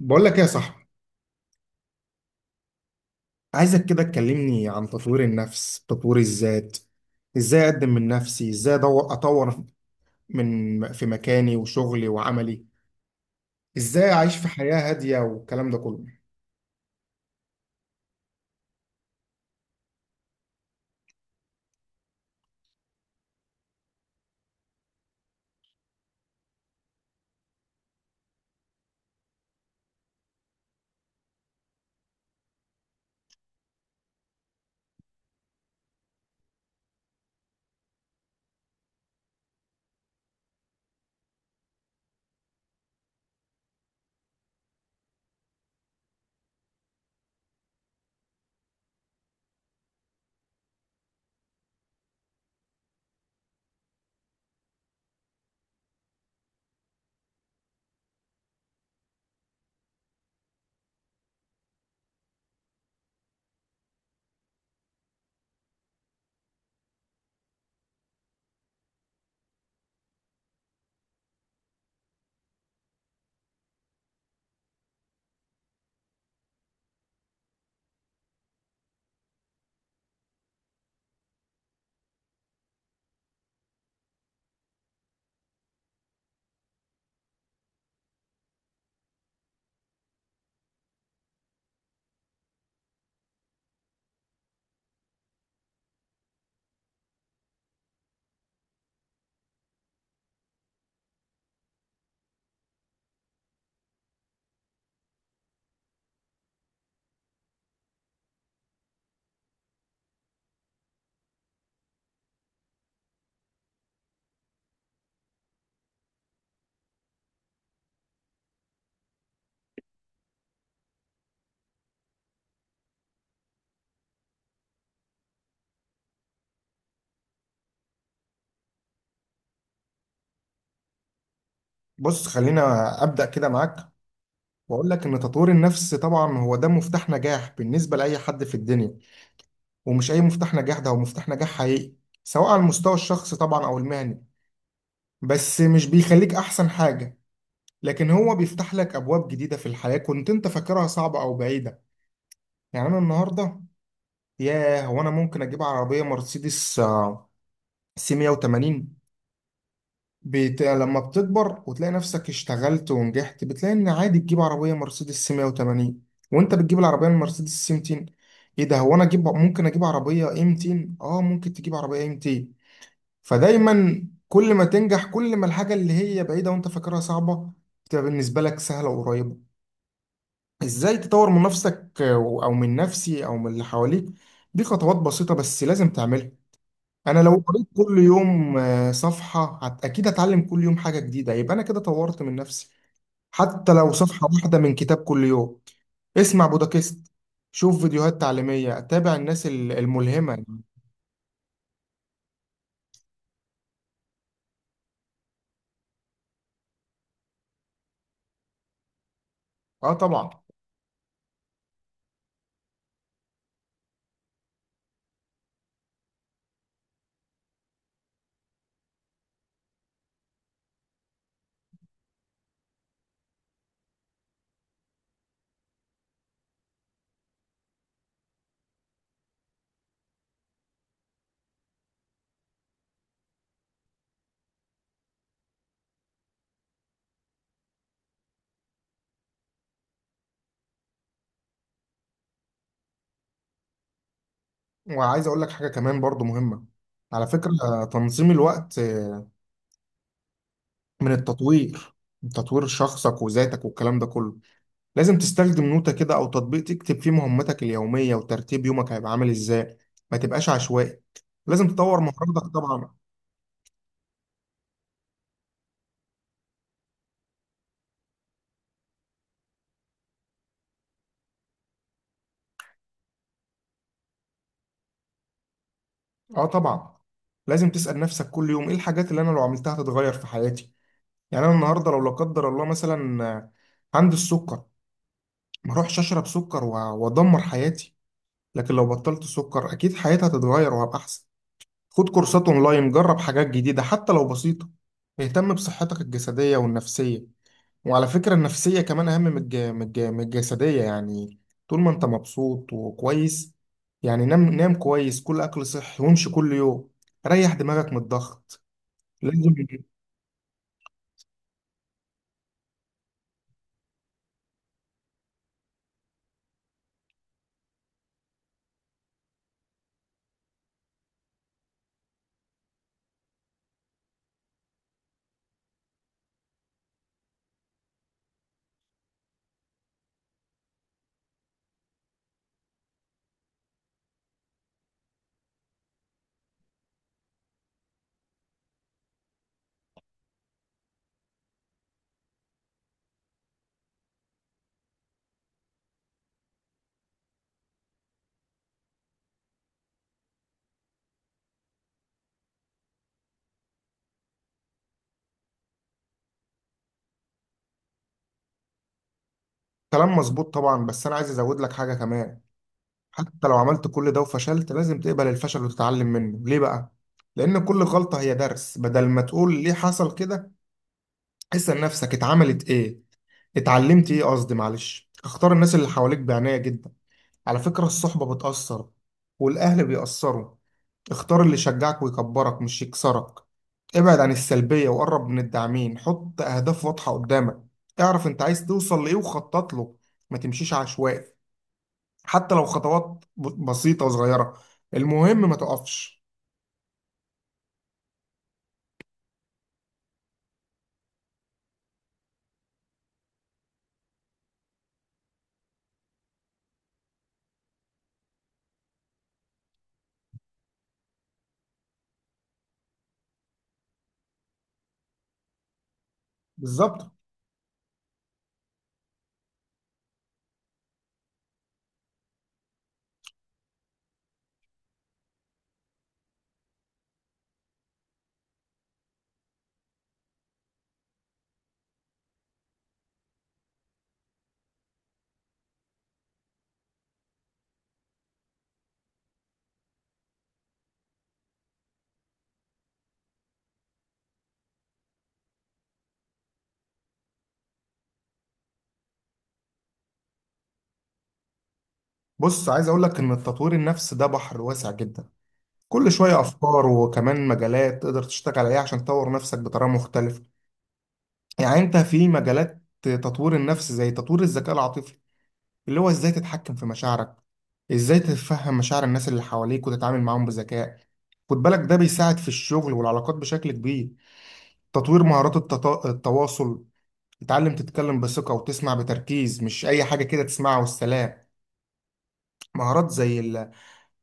بقول لك ايه يا صاحبي؟ عايزك كده تكلمني عن تطوير النفس، تطوير الذات. ازاي اقدم من نفسي، ازاي ادور اطور من في مكاني وشغلي وعملي. ازاي اعيش في حياة هادية والكلام ده كله. بص، خلينا ابدا كده معاك، واقول لك ان تطوير النفس طبعا هو ده مفتاح نجاح بالنسبة لاي حد في الدنيا. ومش اي مفتاح نجاح، ده هو مفتاح نجاح حقيقي، سواء على المستوى الشخصي طبعا او المهني. بس مش بيخليك احسن حاجة، لكن هو بيفتح لك ابواب جديدة في الحياة كنت انت فاكرها صعبة او بعيدة. يعني انا النهارده، ياه، هو انا ممكن اجيب عربيه مرسيدس سي 180. لما بتكبر وتلاقي نفسك اشتغلت ونجحت، بتلاقي ان عادي تجيب عربيه مرسيدس سي 180، وانت بتجيب العربيه المرسيدس سي 200. ايه ده، هو انا اجيب، ممكن اجيب عربيه اي 200. اه، ممكن تجيب عربيه اي 200. فدايما كل ما تنجح، كل ما الحاجه اللي هي بعيده وانت فاكرها صعبه بتبقى بالنسبه لك سهله وقريبه. ازاي تطور من نفسك، او من نفسي او من اللي حواليك؟ دي خطوات بسيطة بس لازم تعملها. انا لو قريت كل يوم صفحة، اكيد هتعلم كل يوم حاجة جديدة، يبقى انا كده طورت من نفسي. حتى لو صفحة واحدة من كتاب كل يوم. اسمع بودكاست، شوف فيديوهات تعليمية، اتابع الناس الملهمة يعني. اه طبعا. وعايز اقول لك حاجة كمان برضو مهمة. على فكرة، تنظيم الوقت من التطوير، تطوير شخصك وذاتك والكلام ده كله. لازم تستخدم نوتة كده أو تطبيق تكتب فيه مهمتك اليومية، وترتيب يومك هيبقى عامل إزاي. ما تبقاش عشوائي. لازم تطور مهاراتك طبعا. آه طبعا. لازم تسأل نفسك كل يوم إيه الحاجات اللي أنا لو عملتها هتتغير في حياتي. يعني أنا النهاردة لو لا قدر الله مثلا عندي السكر، ما أروحش أشرب سكر وأدمر حياتي. لكن لو بطلت سكر أكيد حياتي هتتغير وهبقى أحسن. خد كورسات أونلاين، جرب حاجات جديدة حتى لو بسيطة. اهتم بصحتك الجسدية والنفسية. وعلى فكرة النفسية كمان أهم من الجسدية يعني. طول ما أنت مبسوط وكويس. يعني نام نام كويس، كل أكل صحي، وامشي كل يوم. ريح دماغك من الضغط. لازم. كلام مظبوط طبعا، بس أنا عايز أزود لك حاجة كمان. حتى لو عملت كل ده وفشلت، لازم تقبل الفشل وتتعلم منه. ليه بقى؟ لأن كل غلطة هي درس. بدل ما تقول ليه حصل كده، اسأل نفسك اتعملت إيه؟ اتعلمت إيه؟ قصدي، معلش. اختار الناس اللي حواليك بعناية جدا. على فكرة الصحبة بتأثر، والأهل بيأثروا. اختار اللي يشجعك ويكبرك مش يكسرك. ابعد عن السلبية وقرب من الداعمين. حط أهداف واضحة قدامك، اعرف أنت عايز توصل لإيه وخطط له. ما تمشيش عشوائي. حتى لو خطوات بسيطة وصغيرة، المهم ما تقفش. بالظبط. بص، عايز أقولك إن التطوير النفسي ده بحر واسع جدا. كل شوية أفكار وكمان مجالات تقدر تشتغل عليها عشان تطور نفسك بطريقة مختلفة. يعني انت في مجالات تطوير النفس زي تطوير الذكاء العاطفي، اللي هو ازاي تتحكم في مشاعرك، ازاي تتفهم مشاعر الناس اللي حواليك وتتعامل معاهم بذكاء. خد بالك ده بيساعد في الشغل والعلاقات بشكل كبير. تطوير مهارات التواصل. تتعلم تتكلم بثقة وتسمع بتركيز، مش أي حاجة كده تسمعها والسلام. مهارات زي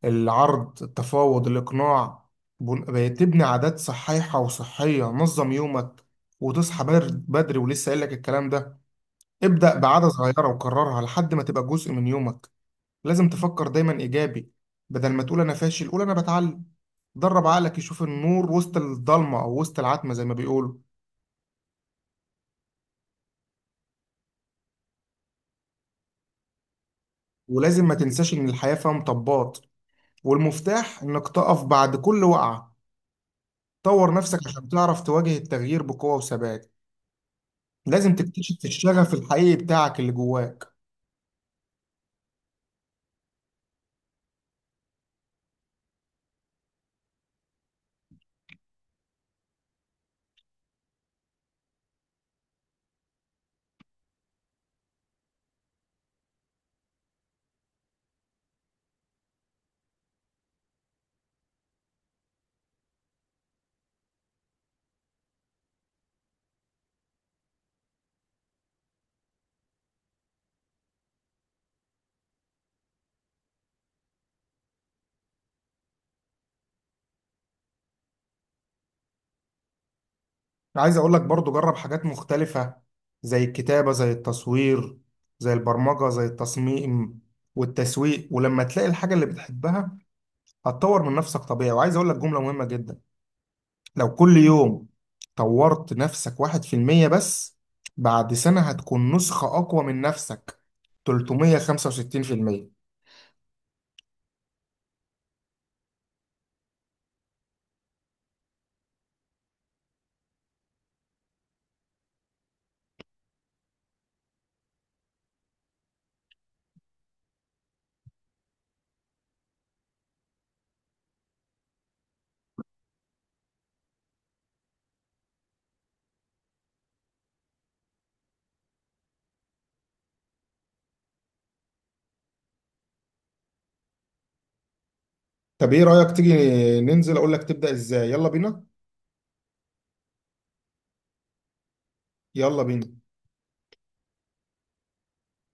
العرض، التفاوض، الإقناع. تبني عادات صحيحة وصحية، نظم يومك، وتصحى بدري، ولسه قايل لك الكلام ده. ابدأ بعادة صغيرة وكررها لحد ما تبقى جزء من يومك. لازم تفكر دايما إيجابي، بدل ما تقول أنا فاشل قول أنا بتعلم. درب عقلك يشوف النور وسط الضلمة أو وسط العتمة زي ما بيقولوا. ولازم ما تنساش إن الحياة فيها مطبات، والمفتاح إنك تقف بعد كل وقعة. طور نفسك عشان تعرف تواجه التغيير بقوة وثبات. لازم تكتشف الشغف الحقيقي بتاعك اللي جواك. عايز اقول لك برضو جرب حاجات مختلفة، زي الكتابة زي التصوير زي البرمجة زي التصميم والتسويق. ولما تلاقي الحاجة اللي بتحبها هتطور من نفسك طبيعي. وعايز اقول لك جملة مهمة جدا: لو كل يوم طورت نفسك 1% بس، بعد سنة هتكون نسخة اقوى من نفسك 365%. طب ايه رأيك تيجي ننزل، اقول لك تبدأ ازاي؟ يلا بينا. يلا بينا.